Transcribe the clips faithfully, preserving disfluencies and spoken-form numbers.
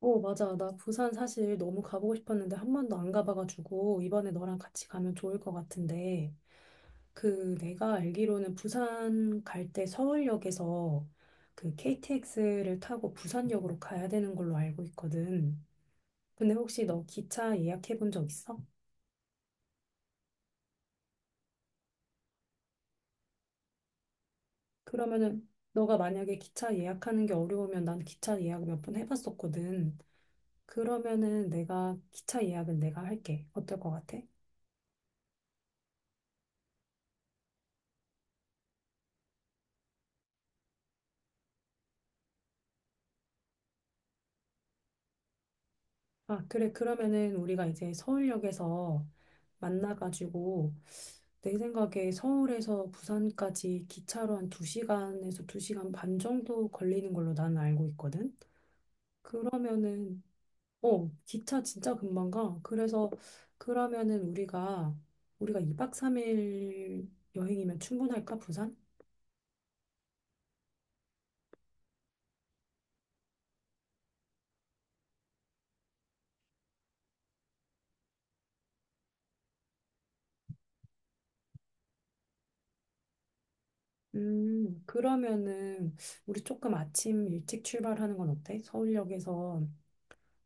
어, 맞아. 나 부산 사실 너무 가보고 싶었는데 한 번도 안 가봐가지고 이번에 너랑 같이 가면 좋을 것 같은데 그 내가 알기로는 부산 갈 때 서울역에서 그 케이티엑스를 타고 부산역으로 가야 되는 걸로 알고 있거든. 근데 혹시 너 기차 예약해 본 적 있어? 그러면은 너가 만약에 기차 예약하는 게 어려우면 난 기차 예약을 몇 번 해봤었거든. 그러면은 내가 기차 예약은 내가 할게. 어떨 것 같아? 아, 그래. 그러면은 우리가 이제 서울역에서 만나가지고 내 생각에 서울에서 부산까지 기차로 한 두 시간에서 두 시간 반 정도 걸리는 걸로 난 알고 있거든. 그러면은 어, 기차 진짜 금방 가. 그래서 그러면은 우리가 우리가 이 박 삼 일 여행이면 충분할까, 부산? 음, 그러면은 우리 조금 아침 일찍 출발하는 건 어때? 서울역에서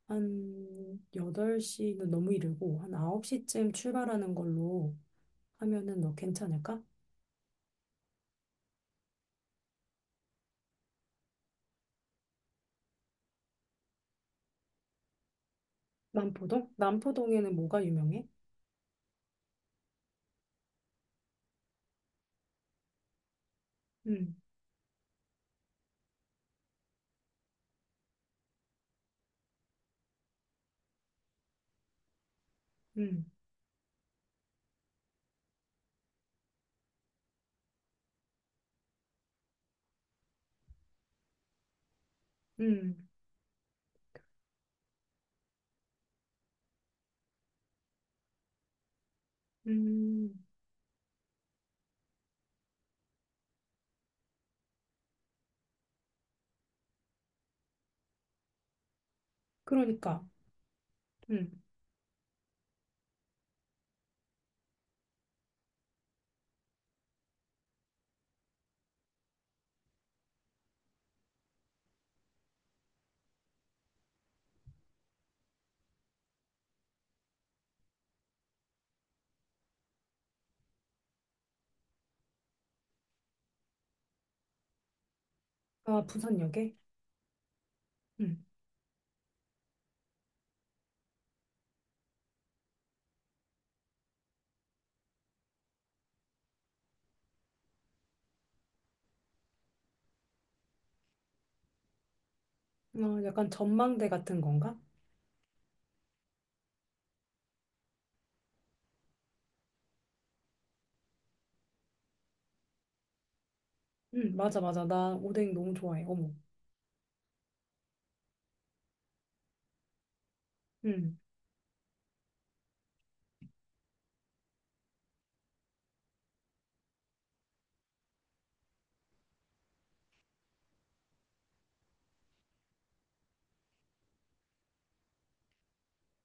한 여덟 시는 너무 이르고 한 아홉 시쯤 출발하는 걸로 하면은 너 괜찮을까? 남포동? 남포동에는 뭐가 유명해? 음, 음, 음, 음. 그러니까, 음. 아, 부산역에? 음. 어, 약간 전망대 같은 건가? 음, 맞아, 맞아. 나 오뎅 너무 좋아해. 어머.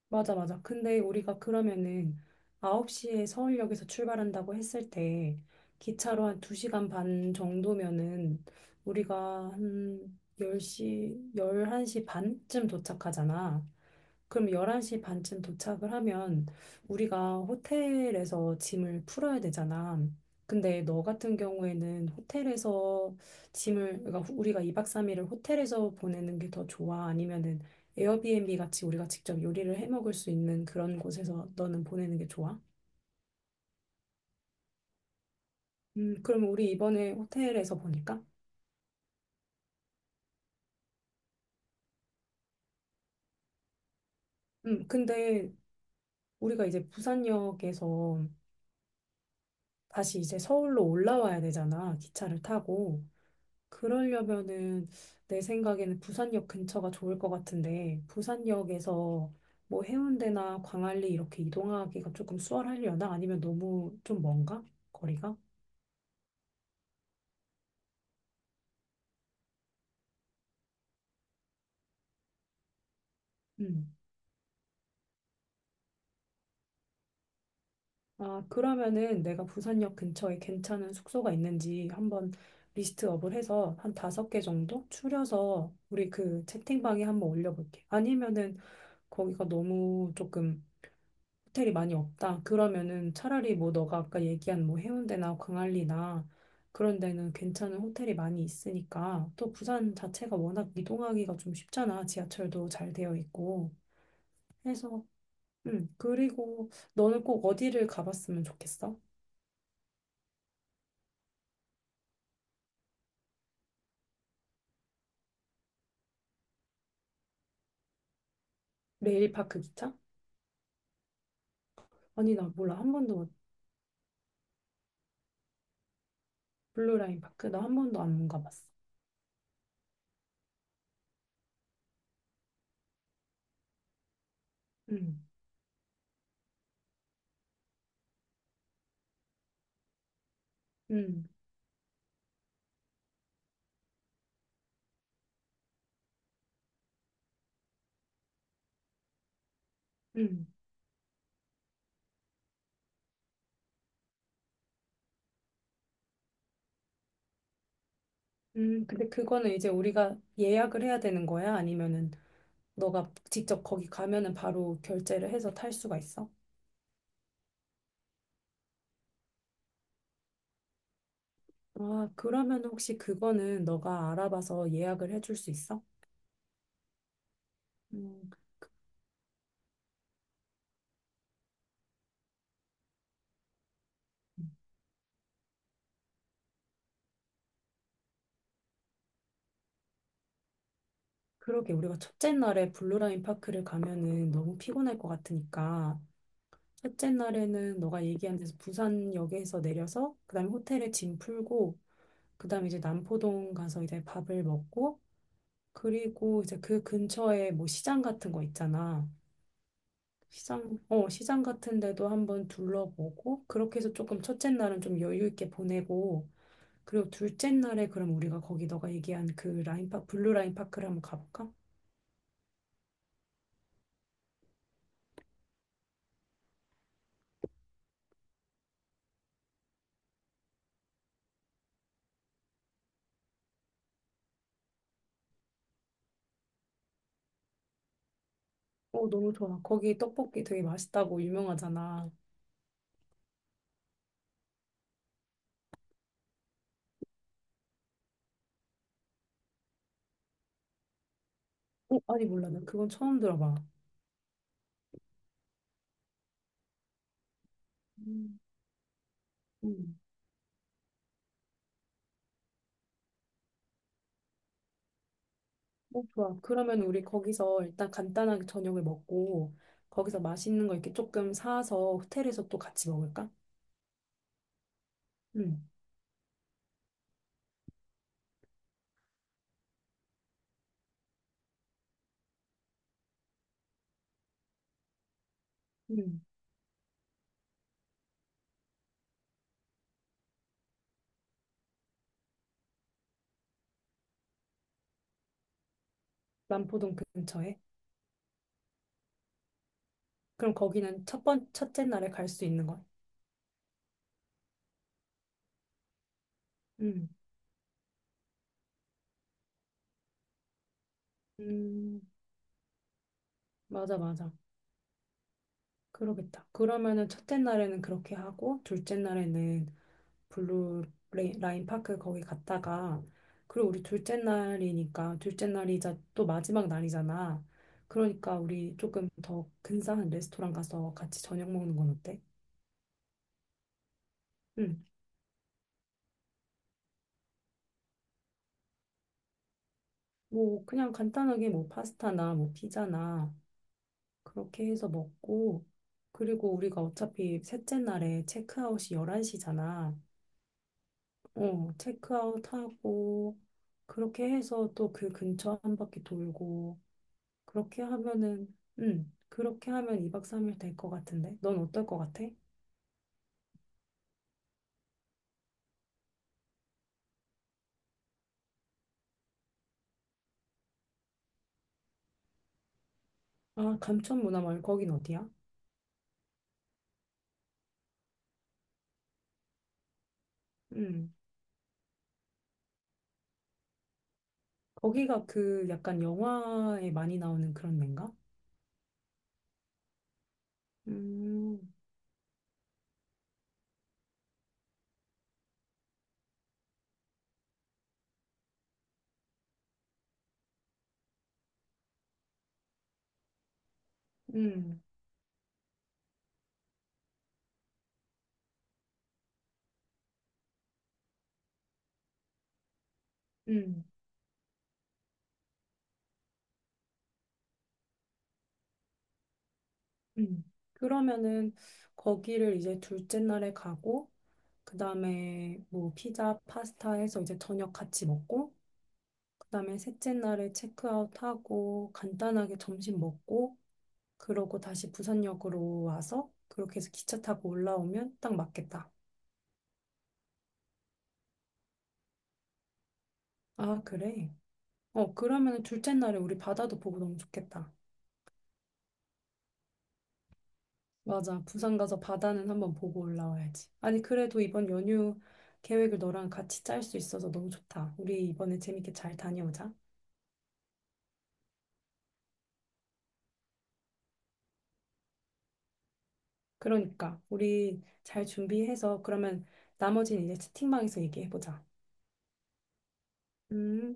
맞아, 맞아. 근데 우리가 그러면은 아홉 시에 서울역에서 출발한다고 했을 때 기차로 한 두 시간 반 정도면은 우리가 한 열시 열한 시 반쯤 도착하잖아. 그럼 열한 시 반쯤 도착을 하면 우리가 호텔에서 짐을 풀어야 되잖아. 근데 너 같은 경우에는 호텔에서 짐을, 그러니까 후- 우리가 이 박 삼 일을 호텔에서 보내는 게 더 좋아? 아니면은 에어비앤비 같이 우리가 직접 요리를 해 먹을 수 있는 그런 곳에서 너는 보내는 게 좋아? 음, 그럼 우리 이번에 호텔에서 보니까? 음, 근데 우리가 이제 부산역에서 다시 이제 서울로 올라와야 되잖아. 기차를 타고. 그러려면은 내 생각에는 부산역 근처가 좋을 것 같은데 부산역에서 뭐 해운대나 광안리 이렇게 이동하기가 조금 수월하려나? 아니면 너무 좀 먼가? 거리가? 음. 아, 그러면은 내가 부산역 근처에 괜찮은 숙소가 있는지 한번 리스트업을 해서 한 다섯 개 정도 추려서 우리 그 채팅방에 한번 올려볼게. 아니면은 거기가 너무 조금 호텔이 많이 없다. 그러면은 차라리 뭐 너가 아까 얘기한 뭐 해운대나 광안리나 그런 데는 괜찮은 호텔이 많이 있으니까 또 부산 자체가 워낙 이동하기가 좀 쉽잖아. 지하철도 잘 되어 있고 해서 음 그리고 너는 꼭 어디를 가봤으면 좋겠어? 레일파크 기차? 아니 나 몰라 한 번도 블루라인 파크 나 한 번도 안 가봤어. 음 음, 음, 음. 근데 그거는 이제 우리가 예약을 해야 되는 거야? 아니면은 너가 직접 거기 가면은 바로 결제를 해서 탈 수가 있어? 아, 그러면 혹시 그거는 너가 알아봐서 예약을 해줄 수 있어? 음, 그러게 우리가 첫째 날에 블루라인 파크를 가면은 너무 피곤할 것 같으니까 첫째 날에는 너가 얘기한 데서 부산역에서 내려서 그다음에 호텔에 짐 풀고 그다음에 이제 남포동 가서 이제 밥을 먹고 그리고 이제 그 근처에 뭐 시장 같은 거 있잖아. 시장, 어, 시장 같은 데도 한번 둘러보고, 그렇게 해서 조금 첫째 날은 좀 여유 있게 보내고, 그리고 둘째 날에 그럼 우리가 거기 너가 얘기한 그 라인파, 블루 라인파크를 한번 가볼까? 어, 너무 좋아. 거기 떡볶이 되게 맛있다고 유명하잖아. 어, 아니, 몰라. 나 그건 처음 들어봐. 음. 음. 어, 좋아. 그러면 우리 거기서 일단 간단하게 저녁을 먹고, 거기서 맛있는 거 이렇게 조금 사서 호텔에서 또 같이 먹을까? 응, 응. 남포동 근처에. 그럼 거기는 첫 번, 첫째 날에 갈 수 있는 거야. 음, 음, 맞아, 맞아. 그러겠다. 그러면은 첫째 날에는 그렇게 하고, 둘째 날에는 블루 레- 라인 파크 거기 갔다가, 그리고 우리 둘째 날이니까, 둘째 날이자 또 마지막 날이잖아. 그러니까 우리 조금 더 근사한 레스토랑 가서 같이 저녁 먹는 건 어때? 응. 뭐, 그냥 간단하게 뭐 파스타나 뭐 피자나 그렇게 해서 먹고, 그리고 우리가 어차피 셋째 날에 체크아웃이 열한 시잖아. 어, 체크아웃 하고, 그렇게 해서 또 그 근처 한 바퀴 돌고, 그렇게 하면은, 음, 그렇게 하면 이 박 삼 일 될 것 같은데? 넌 어떨 것 같아? 아, 감천문화마을, 거긴 어디야? 음, 거기가 그 약간 영화에 많이 나오는 그런 데인가? 음, 음, 음, 음. 그러면은 거기를 이제 둘째 날에 가고, 그다음에 뭐 피자, 파스타 해서 이제 저녁 같이 먹고 그다음에 셋째 날에 체크아웃하고 간단하게 점심 먹고 그러고 다시 부산역으로 와서 그렇게 해서 기차 타고 올라오면 딱 맞겠다. 아, 그래. 어, 그러면 둘째 날에 우리 바다도 보고 너무 좋겠다. 맞아. 부산 가서 바다는 한번 보고 올라와야지. 아니, 그래도 이번 연휴 계획을 너랑 같이 짤 수 있어서 너무 좋다. 우리 이번에 재밌게 잘 다녀오자. 그러니까 우리 잘 준비해서 그러면 나머지는 이제 채팅방에서 얘기해보자. 음.